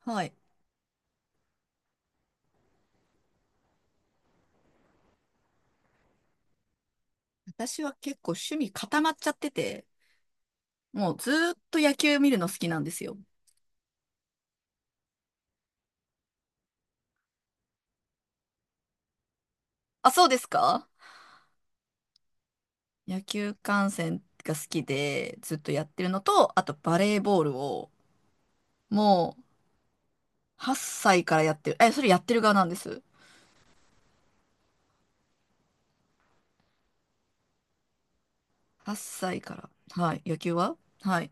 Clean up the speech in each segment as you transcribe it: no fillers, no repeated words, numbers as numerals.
はい。私は結構趣味固まっちゃってて、もうずーっと野球見るの好きなんですよ。あ、そうですか？野球観戦が好きで、ずっとやってるのと、あとバレーボールを、もう8歳からやってる。え、それやってる側なんです。8歳から。はい。野球は、はい。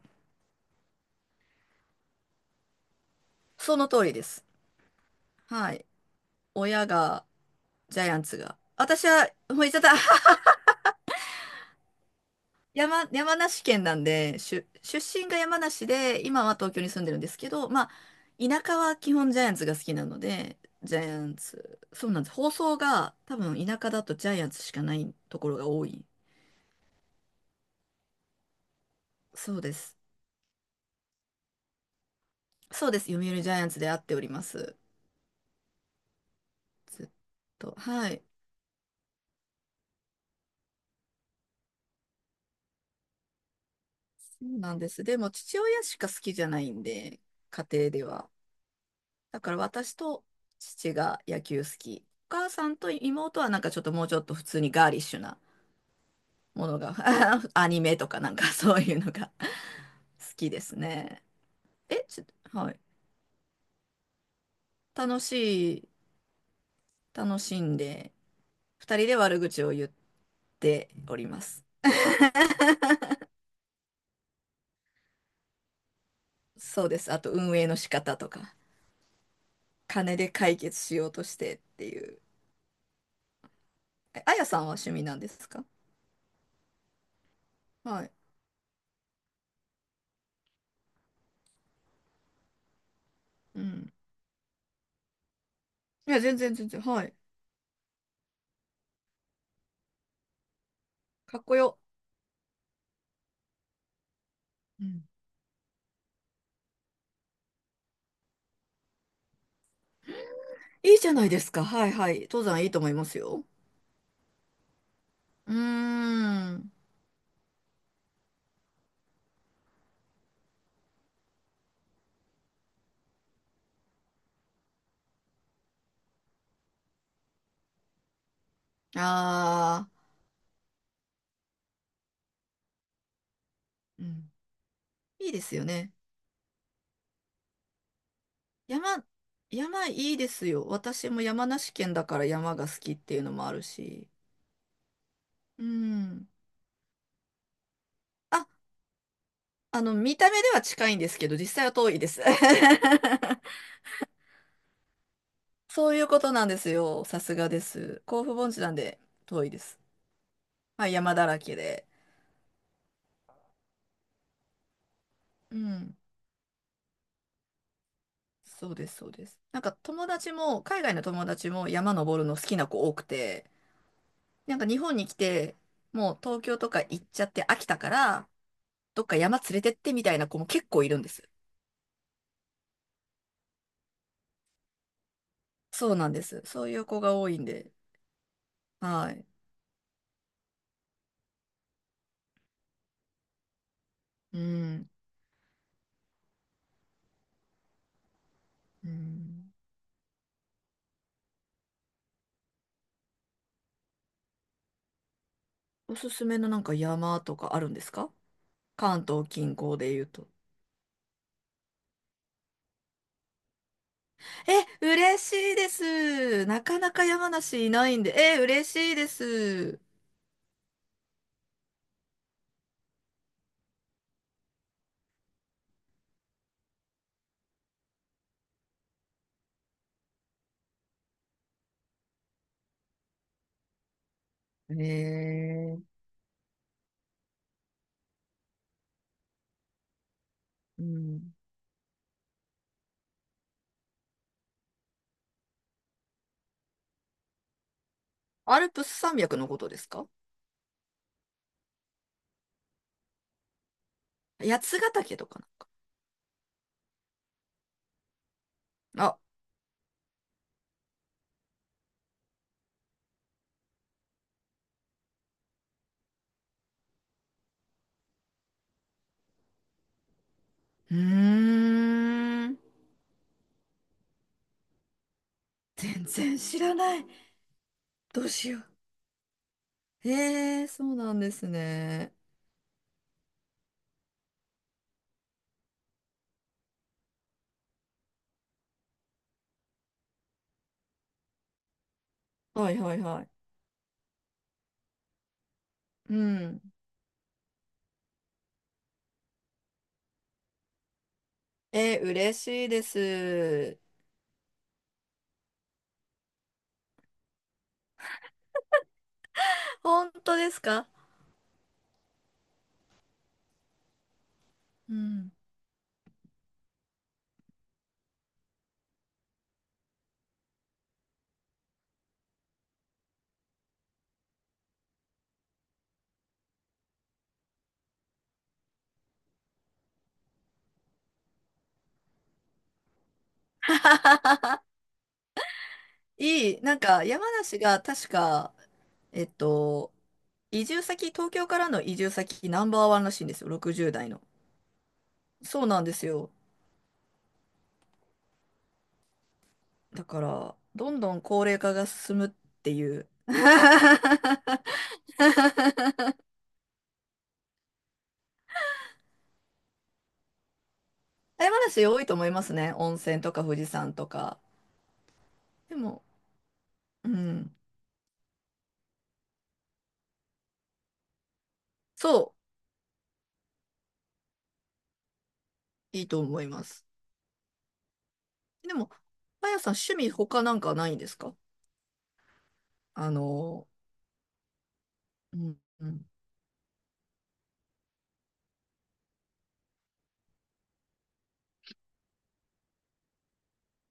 その通りです。はい。親が、ジャイアンツが。私は、もういちゃった。山梨県なんで、出身が山梨で、今は東京に住んでるんですけど、まあ、田舎は基本ジャイアンツが好きなので、ジャイアンツ、そうなんです。放送が多分田舎だとジャイアンツしかないところが多い。そうです、そうです。読売ジャイアンツで会っております。ずっと。はい。そうなんです。でも父親しか好きじゃないんで、家庭では。だから私と父が野球好き。お母さんと妹はなんかちょっともうちょっと普通にガーリッシュな。ものが、アニメとかなんか そういうのが 好きですね。え、ちょ、はい。楽しい、楽しんで、二人で悪口を言っております。そうです。あと運営の仕方とか、金で解決しようとしてっていう。あやさんは趣味なんですか？はい。うん。いや、全然全然。はい。かっこよ。うん。いいじゃないですか。はいはい。登山いいと思いますよ。うーん。ああ、うん。いいですよね。山、山いいですよ。私も山梨県だから山が好きっていうのもあるし。うん。あ、見た目では近いんですけど、実際は遠いです。そういうことなんですよ。さすがです。甲府盆地なんで遠いです。まあ、山だらけで。うん。そうです、そうです。なんか友達も、海外の友達も山登るの好きな子多くて、なんか日本に来て、もう東京とか行っちゃって飽きたから、どっか山連れてってみたいな子も結構いるんです。そうなんです。そういう子が多いんで。はい。うん。うん。おすすめのなんか山とかあるんですか？関東近郊で言うと。え、嬉しいです。なかなか山梨いないんで。え、嬉しいです。へえー。うん。アルプス山脈のことですか？八ヶ岳とかな。あ、うーん。全然知らない。どうしよう。そうなんですね。はいはいはい。うん。えー、嬉しいです。本当ですか？うん。なんか山梨が確か、えっと、移住先、東京からの移住先ナンバーワンらしいんですよ、60代の。そうなんですよ。だから、どんどん高齢化が進むっていう。山梨多いと思いますね、温泉とか富士山とか。でも、うん、そう、いいと思います。でも、あやさん、趣味他なんかないんですか？あの、うん、うん、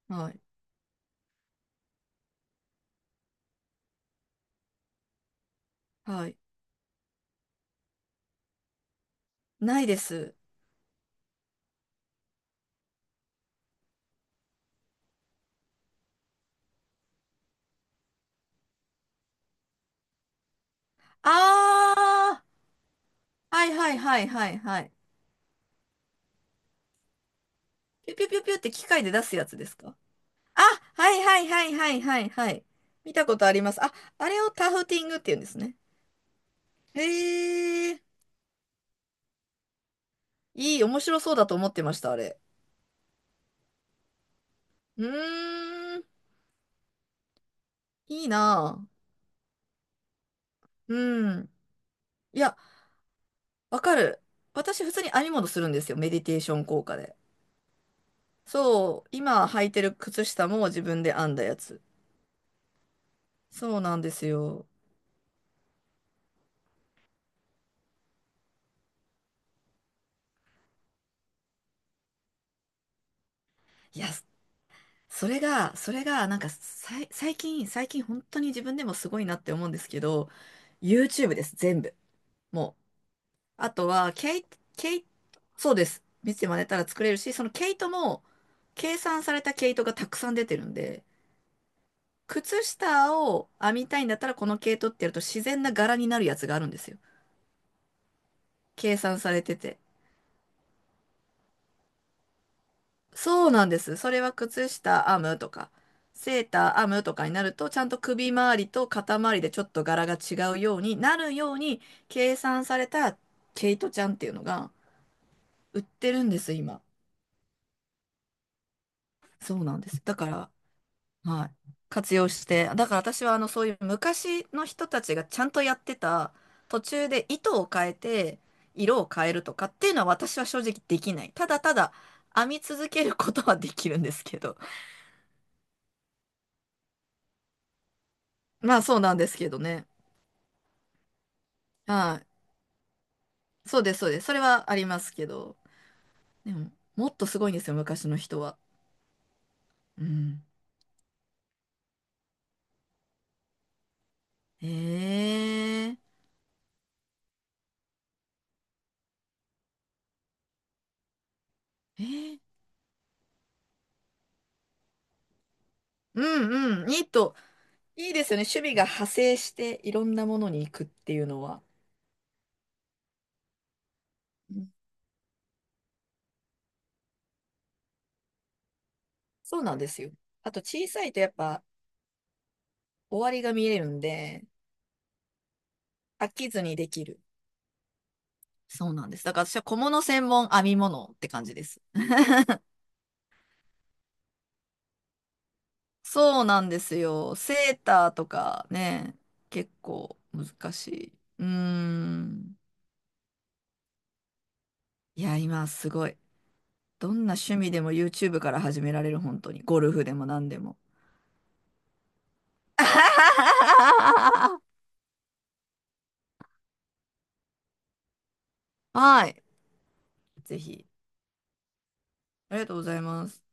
はい。はい。ないです。あー、はいはいはいはいはい。ピュピュピュピュって機械で出すやつですか？あ、はいはいはいはいはいはい。見たことあります。あ、あれをタフティングって言うんですね。へえ、面白そうだと思ってました、あれ。うーん、いいなぁ。うん。いや、わかる。私、普通に編み物するんですよ、メディテーション効果で。そう、今履いてる靴下も自分で編んだやつ。そうなんですよ。いや、それが、なんかさい、最近、最近本当に自分でもすごいなって思うんですけど、YouTube です、全部。もう。あとは、ケイ、ケイ、そうです。見て真似たら作れるし、その毛糸も、計算された毛糸がたくさん出てるんで、靴下を編みたいんだったら、この毛糸ってやると自然な柄になるやつがあるんですよ。計算されてて。そうなんです。それは靴下編むとか、セーター編むとかになると、ちゃんと首周りと肩周りでちょっと柄が違うようになるように計算された毛糸ちゃんっていうのが売ってるんです、今。そうなんです。だから、はい。活用して、だから私はあのそういう昔の人たちがちゃんとやってた途中で糸を変えて色を変えるとかっていうのは私は正直できない。ただただ編み続けることはできるんですけど。まあそうなんですけどね。はい。そうです、そうです。それはありますけど。でも、もっとすごいんですよ、昔の人は。うん。えー、えー、うんうん。いいですよね。趣味が派生して、いろんなものに行くっていうのは。うん、そうなんですよ。あと、小さいとやっぱ、終わりが見えるんで、飽きずにできる。そうなんです。だから私は小物専門、編み物って感じです。そうなんですよ。セーターとかね、結構難しい。うーん。いや、今すごい。どんな趣味でも YouTube から始められる、本当に。ゴルフでも何でも。はい。ぜひ。ありがとうございます。